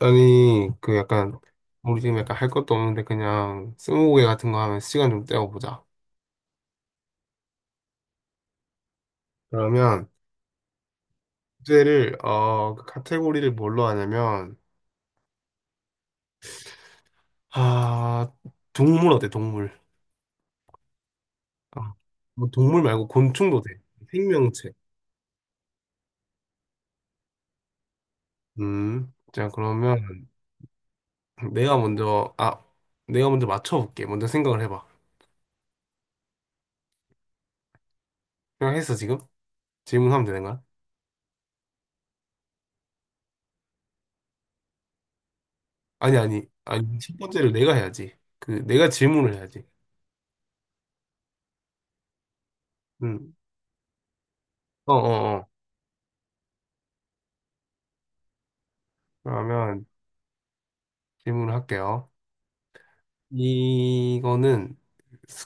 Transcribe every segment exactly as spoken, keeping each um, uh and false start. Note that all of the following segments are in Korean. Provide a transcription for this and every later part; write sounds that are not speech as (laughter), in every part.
아니, 그 약간, 우리 지금 약간 할 것도 없는데 그냥 스무고개 같은 거 하면 시간 좀 때워보자. 그러면 주제를, 어, 그 카테고리를 뭘로 하냐면, 아, 동물 어때, 동물? 아, 뭐 동물 말고 곤충도 돼. 생명체. 음, 자, 그러면 내가 먼저, 아, 내가 먼저 맞춰볼게. 먼저 생각을 해봐. 생각했어, 지금? 질문하면 되는 거야? 아니, 아니, 아니, 첫 번째를 내가 해야지. 그, 내가 질문을 해야지. 음, 어, 어, 어. 그러면 질문을 할게요. 이거는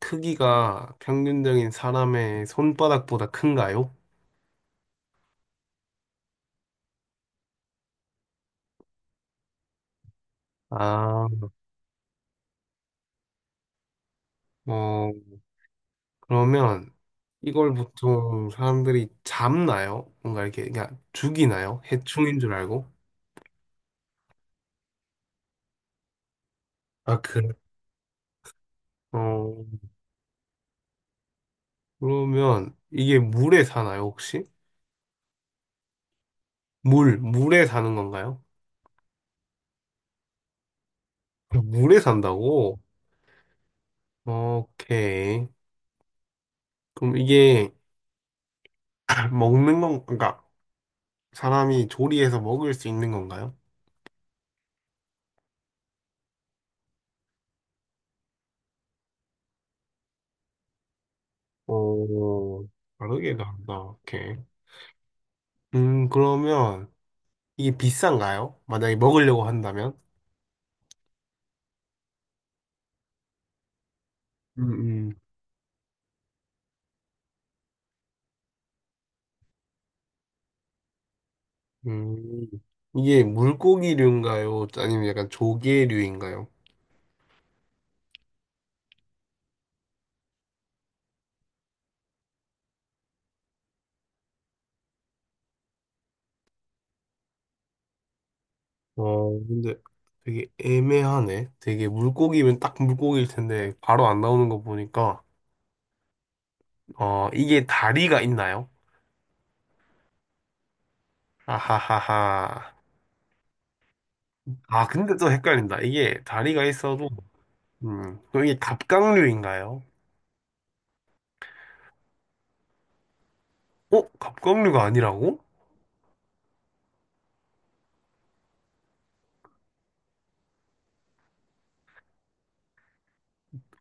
크기가 평균적인 사람의 손바닥보다 큰가요? 아, 어, 그러면 이걸 보통 사람들이 잡나요? 뭔가 이렇게 그냥 죽이나요? 해충인 줄 알고? 아, 그래. 어, 그러면 이게 물에 사나요, 혹시? 물, 물에 사는 건가요? 물에 산다고? 오케이. 그럼 이게 (clears throat) 먹는 건, 그러니까 사람이 조리해서 먹을 수 있는 건가요? 어, 다르게 간다. 오케이. 음, 그러면 이게 비싼가요? 만약에 먹으려고 한다면? 음, 음. 음, 이게 물고기류인가요? 아니면 약간 조개류인가요? 어, 근데 되게 애매하네. 되게 물고기면 딱 물고기일 텐데 바로 안 나오는 거 보니까 어, 이게 다리가 있나요? 아하하하. 아, 근데 또 헷갈린다. 이게 다리가 있어도 음, 그럼 이게 갑각류인가요? 어? 갑각류가 아니라고?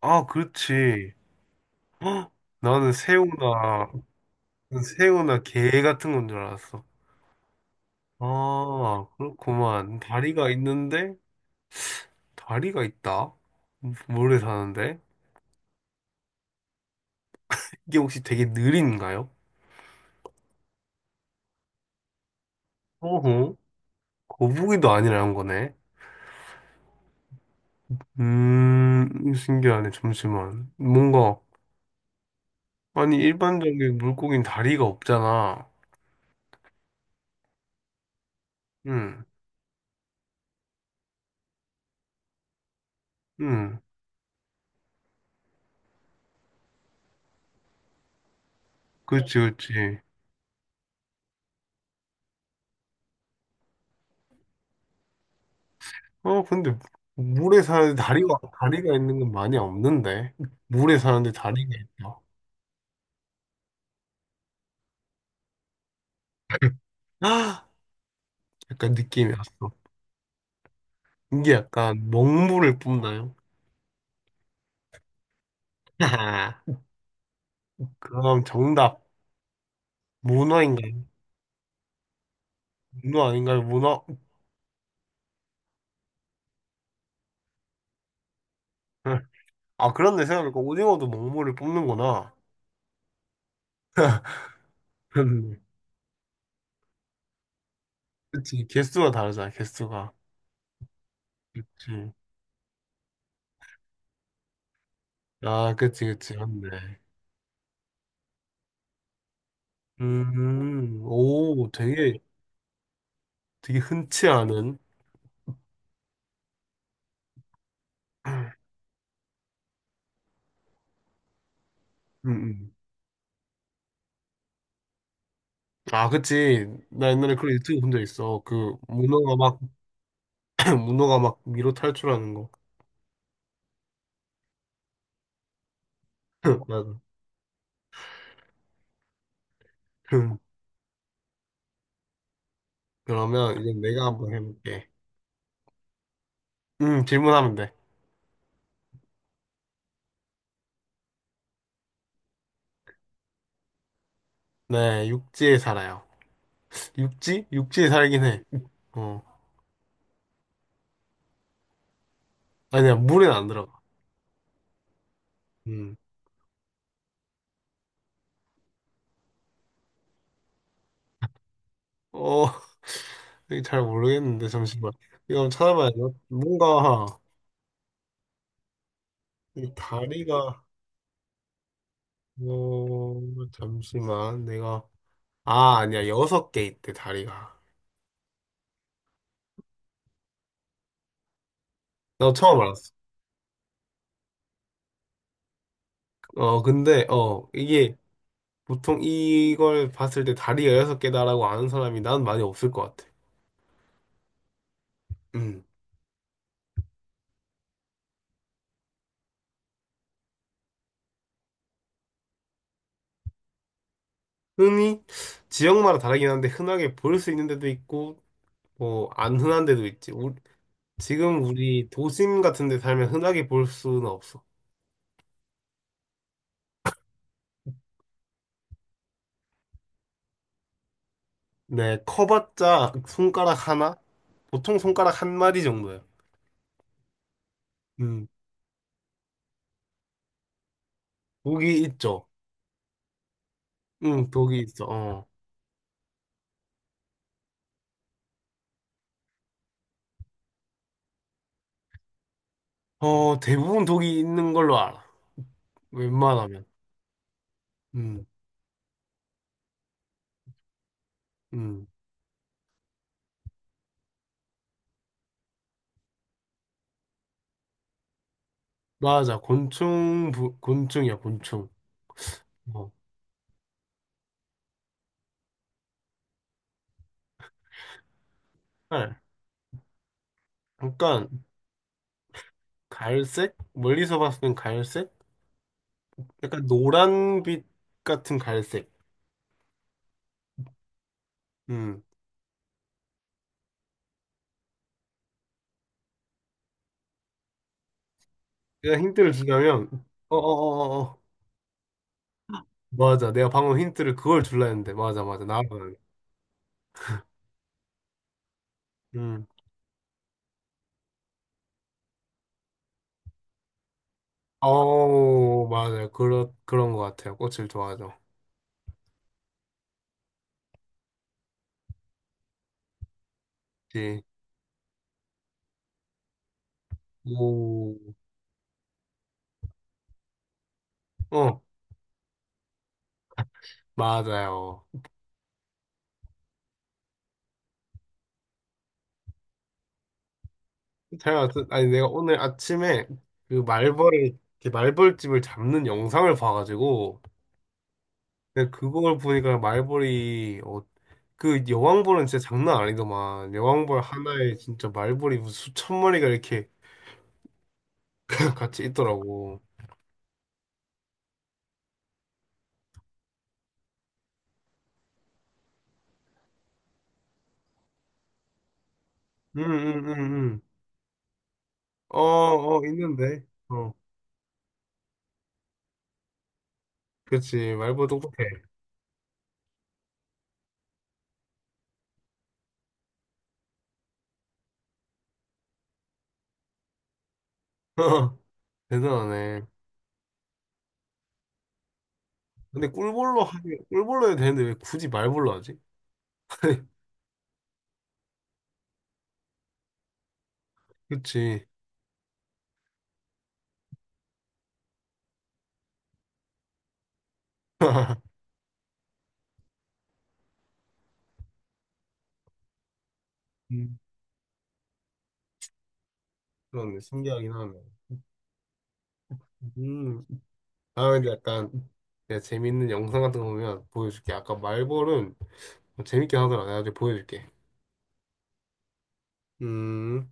아, 그렇지. (gasps) 헉, 나는 새우나, 새우나 게 같은 건 줄 알았어. 아, 그렇구만. 다리가 있는데, 다리가 있다? 모래 사는데? 이게 혹시 되게 느린가요? 어허, 거북이도 아니라는 거네. 음, 신기하네. 잠시만. 뭔가, 아니, 일반적인 물고기는 다리가 없잖아. 응, 응. 그렇지, 그렇지. 어, 근데 물에 사는데 다리가, 다리가 있는 건 많이 없는데. 물에 사는데 다리가 있다. 아, 약간 느낌이 왔어. 이게 약간 먹물을 뿜나요? (laughs) 하하. 그럼 정답. 문어인가요? 문어 아닌가요? 문어? (laughs) 응. 아, 그런데 생각해보니까 오징어도 먹물을 뿜는구나. (laughs) 그렇네. 그치. 개수가 다르잖아, 개수가. 그치. 아, 그치, 그치. 맞네. 음, 오, 되게, 되게 흔치 않은. (clears throat) 음, 음. 아, 그치. 나 옛날에 그런 유튜브 본 적 있어. 그, 문어가 막, (clears throat) 문어가 막 위로 탈출하는 거. (clears throat) (laughs) 맞아. (laughs) 그러면 이제 내가 한번 해볼게. 음, 질문하면 돼. 네, 육지에 살아요. 육지? 육지에 살긴 해. 어. 아니야, 물엔 안 들어가. 음. 어, (laughs) 이거 잘 모르겠는데, 잠시만. 이거 한번 찾아봐야 돼. 뭔가, 이 다리가, 어, 잠시만. 내가, 아, 아니야. 여섯 개 있대, 다리가. 나 처음 알았어. 어, 근데, 어, 이게 보통 이걸 봤을 때 다리가 여섯 개다라고 아는 사람이 난 많이 없을 것 같아. 음. 흔히, 지역마다 다르긴 한데, 흔하게 볼 수 있는 데도 있고, 뭐, 안 흔한 데도 있지. 우- 지금 우리 도심 같은 데 살면 흔하게 볼 수는 없어. 네, 커봤자 손가락 하나? 보통 손가락 한 마디 정도야. 음, 독이 있죠. 응, 독이 있어. 어, 어, 대부분 독이 있는 걸로 알아. 웬만하면. 음, 음. 맞아. 곤충, 부, 곤충이야, 곤충. 어. 네. 약간, 갈색? 멀리서 봤을 땐 갈색? 약간 노란빛 같은 갈색. 음. 내가 힌트를 주려면, 어어어어 맞아. 내가 방금 힌트를 그걸 줄라 했는데. 맞아, 맞아. 나만 음. 어 맞아요. 그런, 그런 것 같아요. 꽃을 좋아하죠. 예. 오. 어, 맞아요. 잘 왔어. 아니, 내가 오늘 아침에 그 말벌이, 이렇게 말벌집을 잡는 영상을 봐가지고, 근데 그걸 보니까 말벌이, 어, 그 여왕벌은 진짜 장난 아니더만. 여왕벌 하나에 진짜 말벌이 무슨 수천 마리가 이렇게 (laughs) 같이 있더라고. 응, 응, 응, 응. 어, 어, 있는데. 어, 그렇지. 말벌 똑똑해. (laughs) 대단하네. 근데 꿀벌로 하기 꿀벌로 해도 되는데 왜 굳이 말벌로 하지? 그치. 음. 그러네. 신기하긴 하네. 음. 아, 근데 약간 내가 재밌는 영상 같은 거 보면 보여줄게. 아까 말벌은 재밌긴 하더라. 내가 나중에 보여줄게. 음.